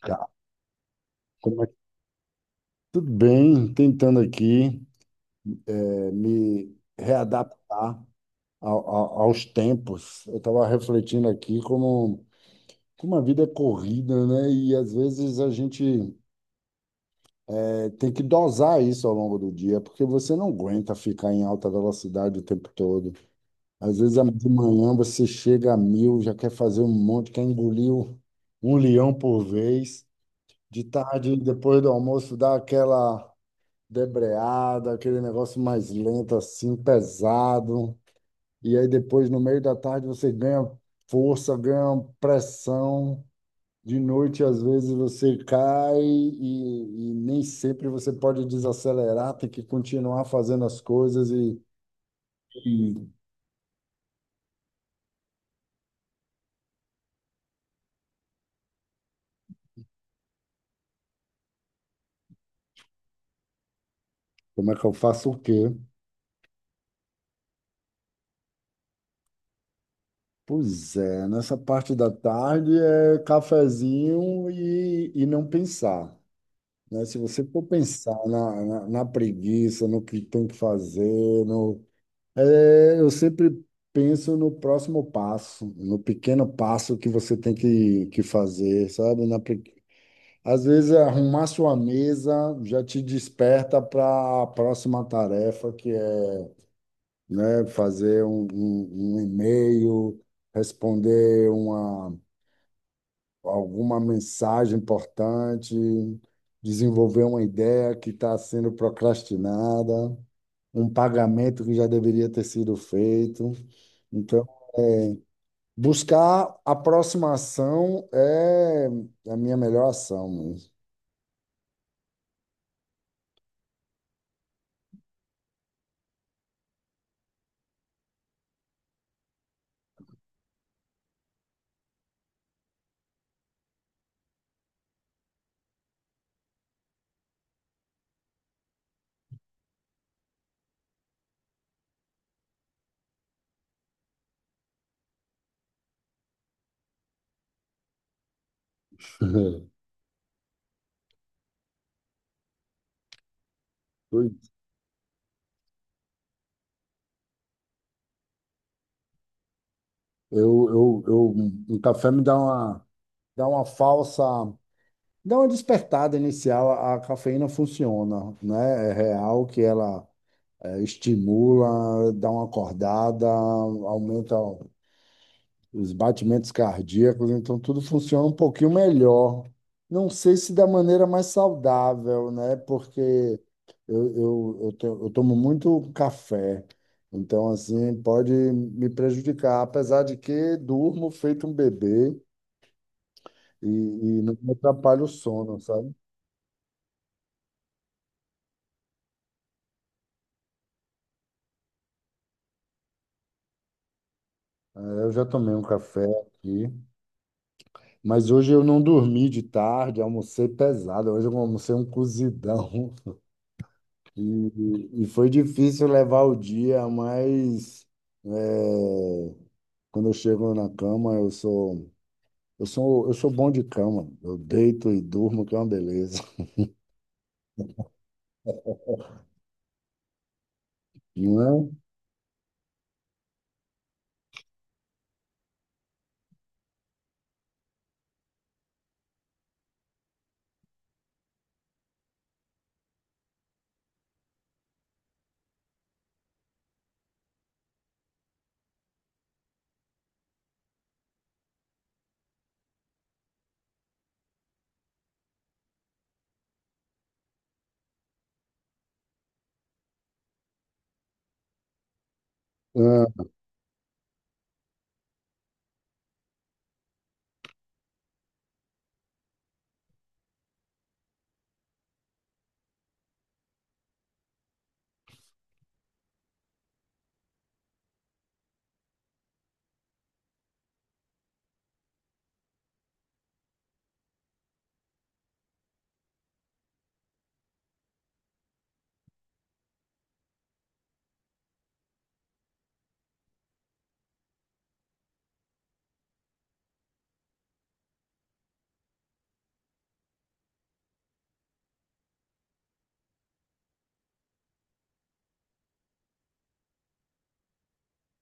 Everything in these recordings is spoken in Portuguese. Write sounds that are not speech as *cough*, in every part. Tá. Como é que- Tudo bem, tentando aqui me readaptar aos tempos. Eu estava refletindo aqui como a vida é corrida, né? E às vezes a gente tem que dosar isso ao longo do dia, porque você não aguenta ficar em alta velocidade o tempo todo. Às vezes de manhã você chega a mil, já quer fazer um monte, quer engolir um leão por vez. De tarde, depois do almoço, dá aquela debreada, aquele negócio mais lento assim, pesado. E aí depois, no meio da tarde, você ganha força, ganha pressão. De noite, às vezes, você cai e nem sempre você pode desacelerar, tem que continuar fazendo as coisas e como é que eu faço o quê? Pois é, nessa parte da tarde é cafezinho e não pensar, né? Se você for pensar na preguiça, no que tem que fazer, no, é, eu sempre penso no próximo passo, no pequeno passo que você tem que fazer, sabe? Às vezes, arrumar sua mesa já te desperta para a próxima tarefa, que é, né, fazer um e-mail, responder uma alguma mensagem importante, desenvolver uma ideia que está sendo procrastinada, um pagamento que já deveria ter sido feito. Então, buscar aproximação é a minha melhor ação mesmo. *laughs* Ui, Eu, eu, eu, o café me dá dá dá uma despertada inicial. A cafeína funciona, né? É real que ela estimula, dá uma acordada, aumenta os batimentos cardíacos, então tudo funciona um pouquinho melhor. Não sei se da maneira mais saudável, né? Porque eu tomo muito café, então assim pode me prejudicar, apesar de que durmo feito um bebê e não me atrapalha o sono, sabe? É. Eu já tomei um café aqui. Mas hoje eu não dormi de tarde, almocei pesado. Hoje eu almocei um cozidão *laughs* e foi difícil levar o dia, mas é, quando eu chego na cama, eu sou bom de cama. Eu deito e durmo, que é uma beleza, *laughs* não é? Ah,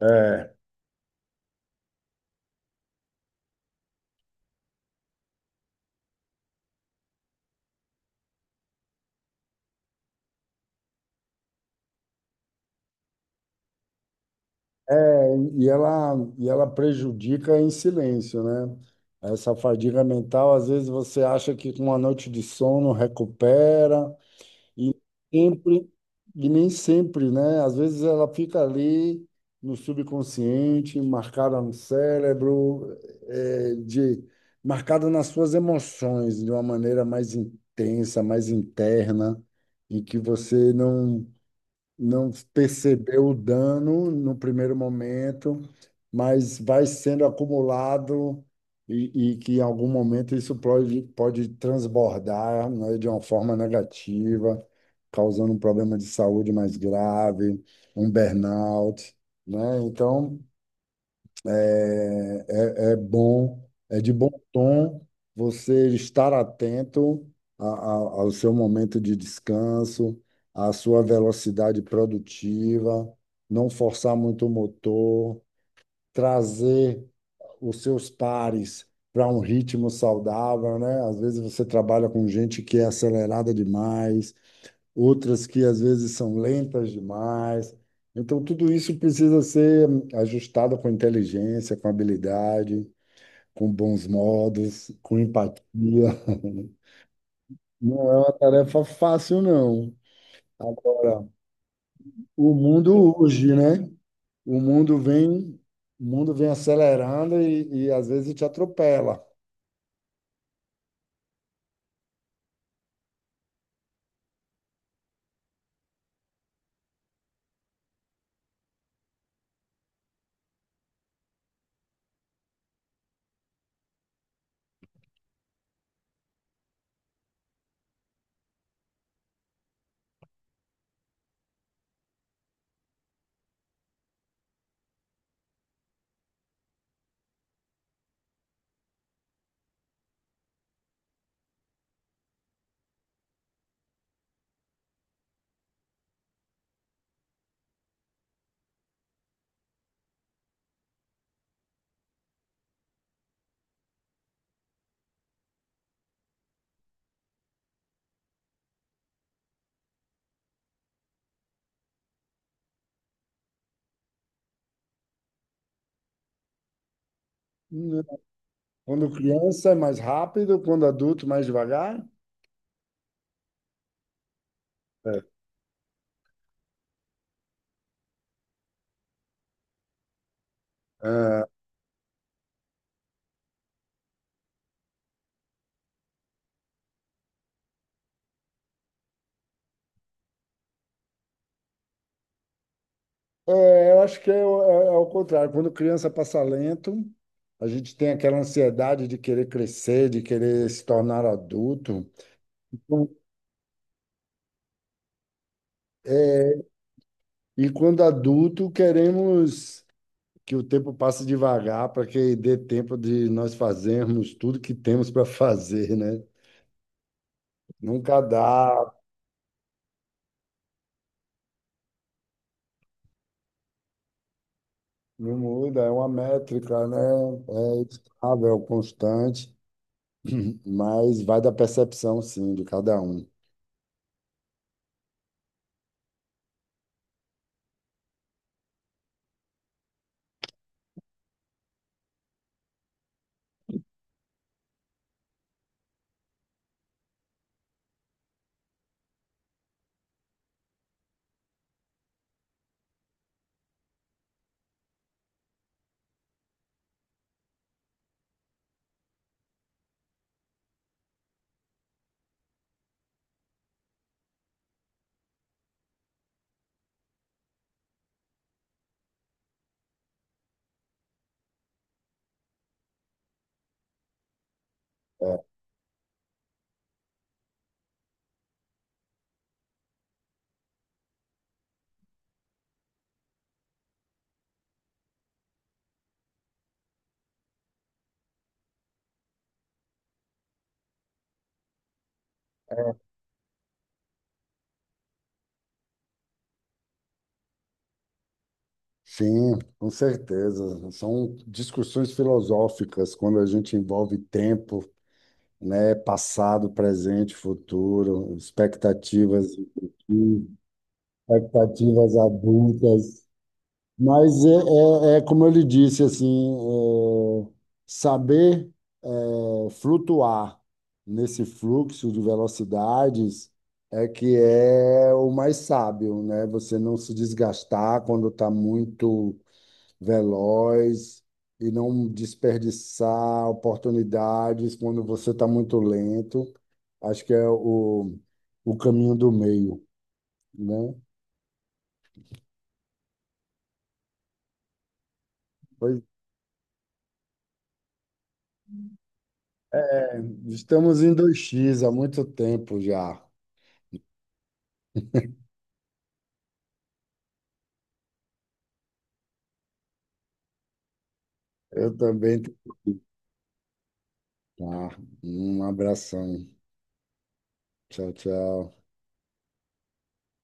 é. E ela prejudica em silêncio, né? Essa fadiga mental, às vezes você acha que com uma noite de sono recupera, e sempre, e nem sempre, né? Às vezes ela fica ali no subconsciente, marcada no cérebro, é, de, marcada nas suas emoções de uma maneira mais intensa, mais interna, e que você não percebeu o dano no primeiro momento, mas vai sendo acumulado e que em algum momento isso pode transbordar, né, de uma forma negativa, causando um problema de saúde mais grave, um burnout, né? Então, é, é bom, é de bom tom você estar atento a- a- ao seu momento de descanso, à sua velocidade produtiva, não forçar muito o motor, trazer os seus pares para um ritmo saudável, né? Às vezes você trabalha com gente que é acelerada demais, outras que às vezes são lentas demais. Então, tudo isso precisa ser ajustado com inteligência, com habilidade, com bons modos, com empatia. *laughs* Não é uma tarefa fácil, não. Agora, o mundo urge, né? O mundo vem, o mundo vem acelerando e às vezes te atropela. Quando criança é mais rápido, quando adulto mais devagar. É, eu acho que é, é o contrário. Quando criança passa lento, a gente tem aquela ansiedade de querer crescer, de querer se tornar adulto. E quando adulto, queremos que o tempo passe devagar para que dê tempo de nós fazermos tudo que temos para fazer, né? Nunca dá, não muda, é uma métrica, né? É estável, constante, *clears throat* mas vai da percepção, sim, de cada um. É, sim, com certeza. São discussões filosóficas quando a gente envolve tempo, né? Passado, presente, futuro, expectativas, expectativas adultas. Mas é como eu lhe disse, assim, é, saber, flutuar nesse fluxo de velocidades é que é o mais sábio, né? Você não se desgastar quando está muito veloz e não desperdiçar oportunidades quando você está muito lento. Acho que é o caminho do meio, né? Pois é, estamos em 2x há muito tempo já. Eu também tenho que ir. Tá. Um abração. Tchau, tchau.